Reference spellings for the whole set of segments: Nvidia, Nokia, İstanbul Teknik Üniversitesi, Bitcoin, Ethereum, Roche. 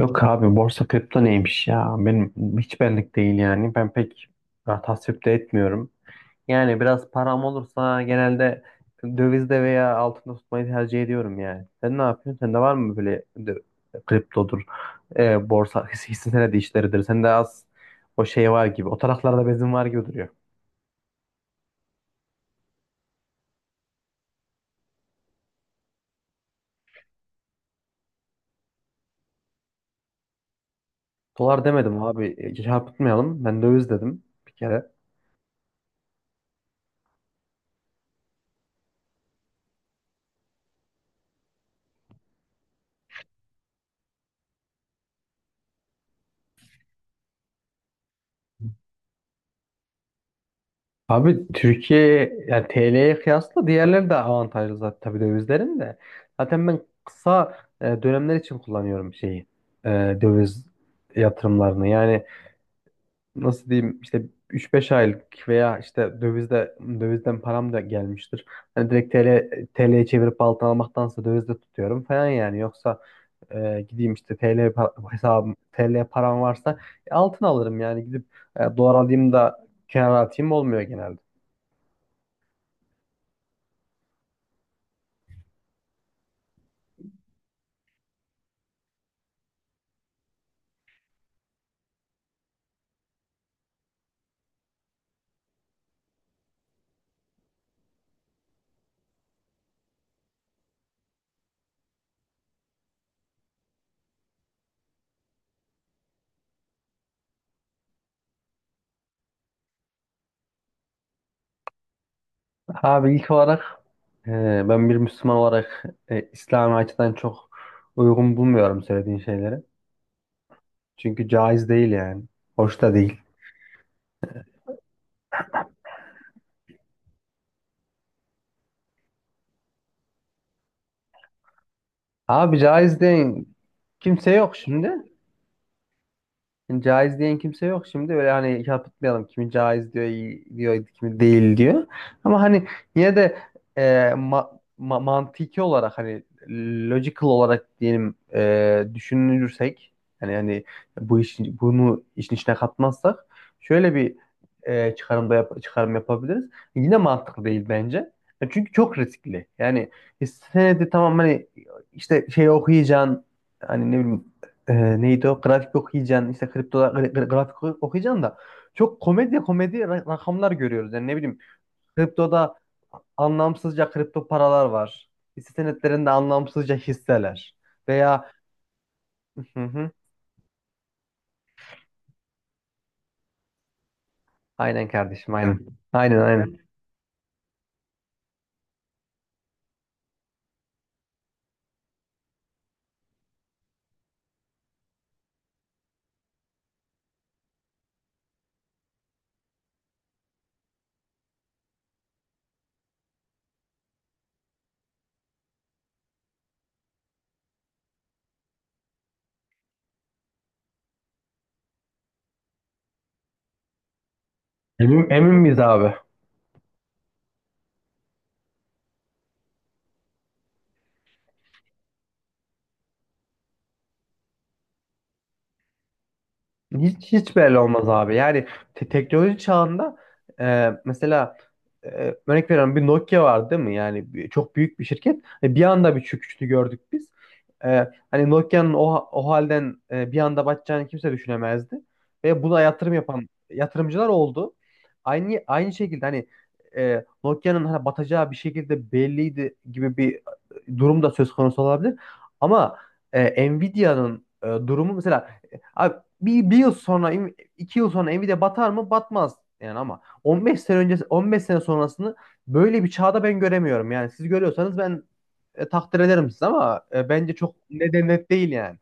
Yok abi, borsa kripto neymiş ya? Benim hiç benlik değil yani. Ben pek tasvip de etmiyorum. Yani biraz param olursa genelde dövizde veya altında tutmayı tercih ediyorum yani. Sen ne yapıyorsun? Sende var mı böyle kriptodur, borsa, hisse senedi işleridir. Sende az o şey var gibi. O taraflarda bezin var gibi duruyor. Dolar demedim abi. Çarpıtmayalım. Ben döviz dedim bir kere. Abi, Türkiye yani TL'ye kıyasla diğerleri de avantajlı zaten tabii, dövizlerin de. Zaten ben kısa dönemler için kullanıyorum şeyi. e, Döviz yatırımlarını. Yani nasıl diyeyim, işte 3-5 aylık veya işte dövizde, dövizden param da gelmiştir. Hani direkt TL'ye çevirip altın almaktansa dövizde tutuyorum falan yani. Yoksa gideyim işte hesabım TL param varsa altın alırım yani, gidip dolar alayım da kenara atayım olmuyor genelde. Abi, ilk olarak e, ben bir Müslüman olarak İslami açıdan çok uygun bulmuyorum söylediğin şeyleri. Çünkü caiz değil yani. Hoş da değil. Abi, caiz değil. Kimse yok şimdi. Yani caiz diyen kimse yok şimdi. Öyle hani yapmayalım, kimi caiz diyor, iyi diyor, kimi değil diyor. Ama hani yine de e, ma- mantiki olarak, hani logical olarak diyelim, düşünürsek, hani bu işin bunu işin içine katmazsak şöyle bir çıkarım yapabiliriz. Yine mantıklı değil bence. Çünkü çok riskli. Yani senedi tamam, hani işte şey okuyacaksın, hani ne bileyim, neydi o, grafik okuyacaksın, işte kripto grafik okuyacaksın da çok komedi komedi rakamlar görüyoruz. Yani ne bileyim, kriptoda anlamsızca kripto paralar var. Hisse senetlerinde anlamsızca hisseler veya hı hı, aynen kardeşim, aynen. Aynen, aynen. Emin, emin miyiz abi? Hiç hiç belli olmaz abi. Yani teknoloji çağında mesela e, örnek veriyorum, bir Nokia vardı değil mi? Yani çok büyük bir şirket. E, bir anda bir çöküşünü gördük biz. E, hani Nokia'nın o, o halden bir anda batacağını kimse düşünemezdi. Ve buna yatırım yapan yatırımcılar oldu. Aynı şekilde, hani Nokia'nın hani batacağı bir şekilde belliydi gibi bir durum da söz konusu olabilir. Ama Nvidia'nın durumu mesela, abi, bir yıl sonra, 2 yıl sonra Nvidia batar mı? Batmaz yani, ama 15 sene öncesi 15 sene sonrasını böyle bir çağda ben göremiyorum. Yani siz görüyorsanız ben takdir ederim siz, ama bence çok neden net değil yani.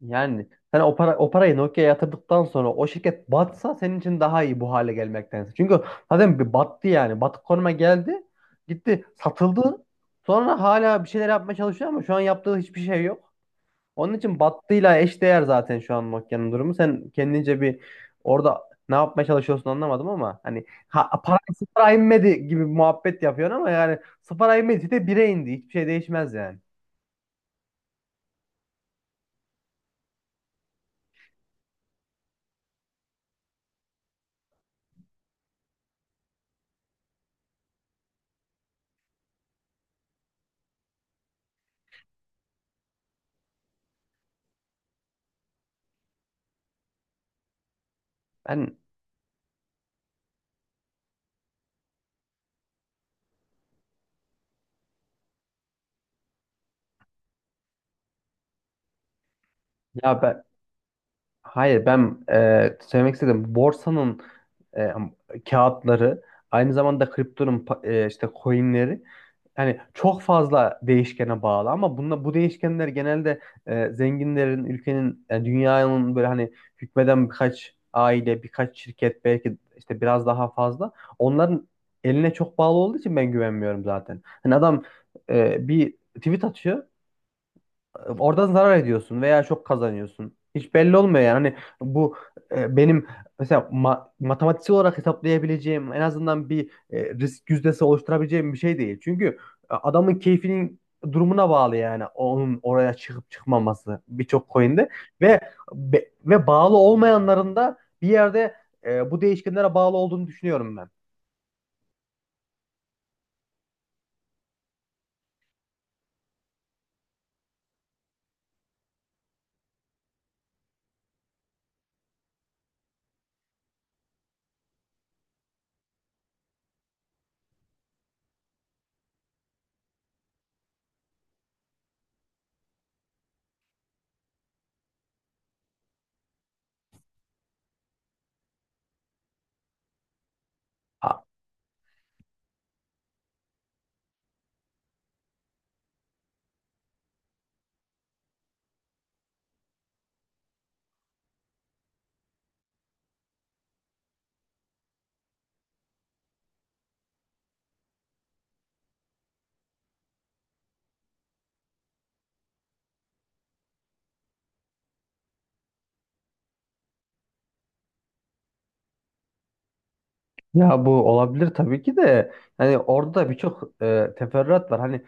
Yani sen o para o parayı Nokia'ya yatırdıktan sonra o şirket batsa senin için daha iyi bu hale gelmektense. Çünkü zaten bir battı yani. Batık konuma geldi. Gitti, satıldı. Sonra hala bir şeyler yapmaya çalışıyor ama şu an yaptığı hiçbir şey yok. Onun için battıyla eşdeğer zaten şu an Nokia'nın durumu. Sen kendince bir orada ne yapmaya çalışıyorsun anlamadım, ama hani ha, para sıfıra inmedi gibi bir muhabbet yapıyorsun ama yani sıfıra inmedi de bire indi. Hiçbir şey değişmez yani. Ben ya ben hayır, ben söylemek istedim, borsanın e, kağıtları, aynı zamanda kriptonun işte coinleri, yani çok fazla değişkene bağlı, ama bu değişkenler genelde zenginlerin, ülkenin, yani dünyanın böyle hani hükmeden birkaç aile, birkaç şirket, belki işte biraz daha fazla onların eline çok bağlı olduğu için ben güvenmiyorum zaten. Hani adam bir tweet atıyor. Oradan zarar ediyorsun veya çok kazanıyorsun. Hiç belli olmuyor yani. Hani bu benim mesela matematiksel olarak hesaplayabileceğim, en azından bir risk yüzdesi oluşturabileceğim bir şey değil. Çünkü adamın keyfinin durumuna bağlı, yani onun oraya çıkıp çıkmaması birçok coin'de, ve ve bağlı olmayanların da bir yerde bu değişkenlere bağlı olduğunu düşünüyorum ben. Ha, ya bu olabilir tabii ki de, hani orada da birçok teferruat var. Hani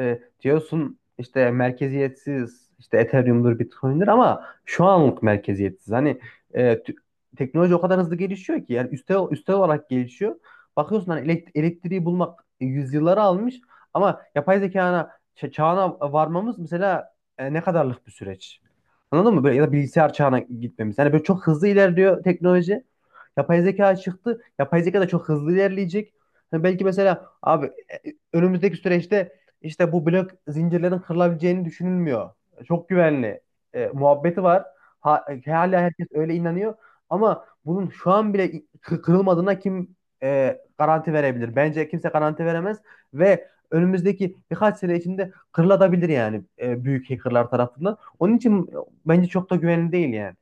diyorsun işte merkeziyetsiz, işte Ethereum'dur, Bitcoin'dir, ama şu anlık merkeziyetsiz. Hani e, tü- teknoloji o kadar hızlı gelişiyor ki, yani üste olarak gelişiyor. Bakıyorsun hani elektriği bulmak yüzyılları almış ama yapay zekana çağına varmamız mesela ne kadarlık bir süreç. Anladın mı? Böyle, ya da bilgisayar çağına gitmemiz. Hani böyle çok hızlı ilerliyor teknoloji. Yapay zeka çıktı. Yapay zeka da çok hızlı ilerleyecek. Hani belki mesela abi önümüzdeki süreçte işte bu blok zincirlerin kırılabileceğini düşünülmüyor. Çok güvenli muhabbeti var. Ha, hala herkes öyle inanıyor. Ama bunun şu an bile kırılmadığına kim garanti verebilir? Bence kimse garanti veremez, ve önümüzdeki birkaç sene içinde kırılabilir yani büyük hackerlar tarafından. Onun için bence çok da güvenli değil yani.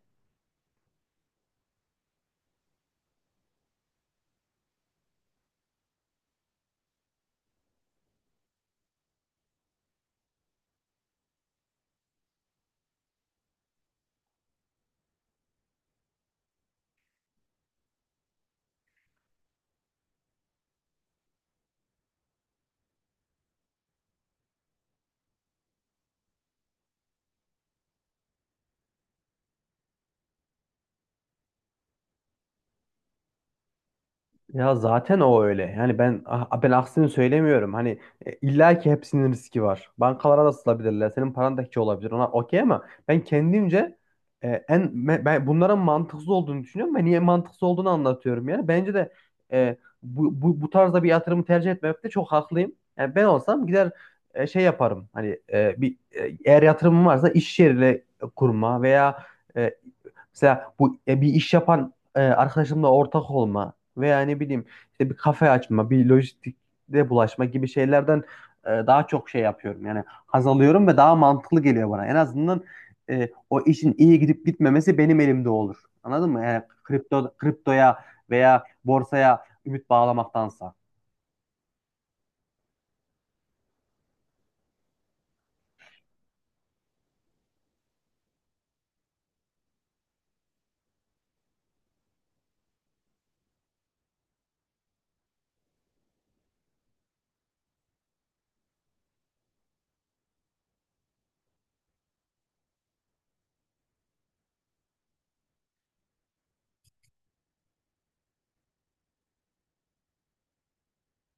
Ya zaten o öyle. Yani ben aksini söylemiyorum. Hani illa ki hepsinin riski var. Bankalara da sızabilirler. Senin paran da hiç olabilir. Ona okey, ama ben kendimce ben bunların mantıksız olduğunu düşünüyorum. Ben niye mantıksız olduğunu anlatıyorum yani. Bence de e, bu tarzda bir yatırımı tercih etmemekte çok haklıyım. Yani ben olsam gider şey yaparım. Hani eğer yatırımım varsa iş yeriyle kurma veya e, mesela bu bir iş yapan arkadaşımla ortak olma veya ne bileyim, işte bir kafe açma, bir lojistikte bulaşma gibi şeylerden daha çok şey yapıyorum. Yani haz alıyorum ve daha mantıklı geliyor bana. En azından o işin iyi gidip gitmemesi benim elimde olur. Anladın mı? Yani kriptoya veya borsaya ümit bağlamaktansa.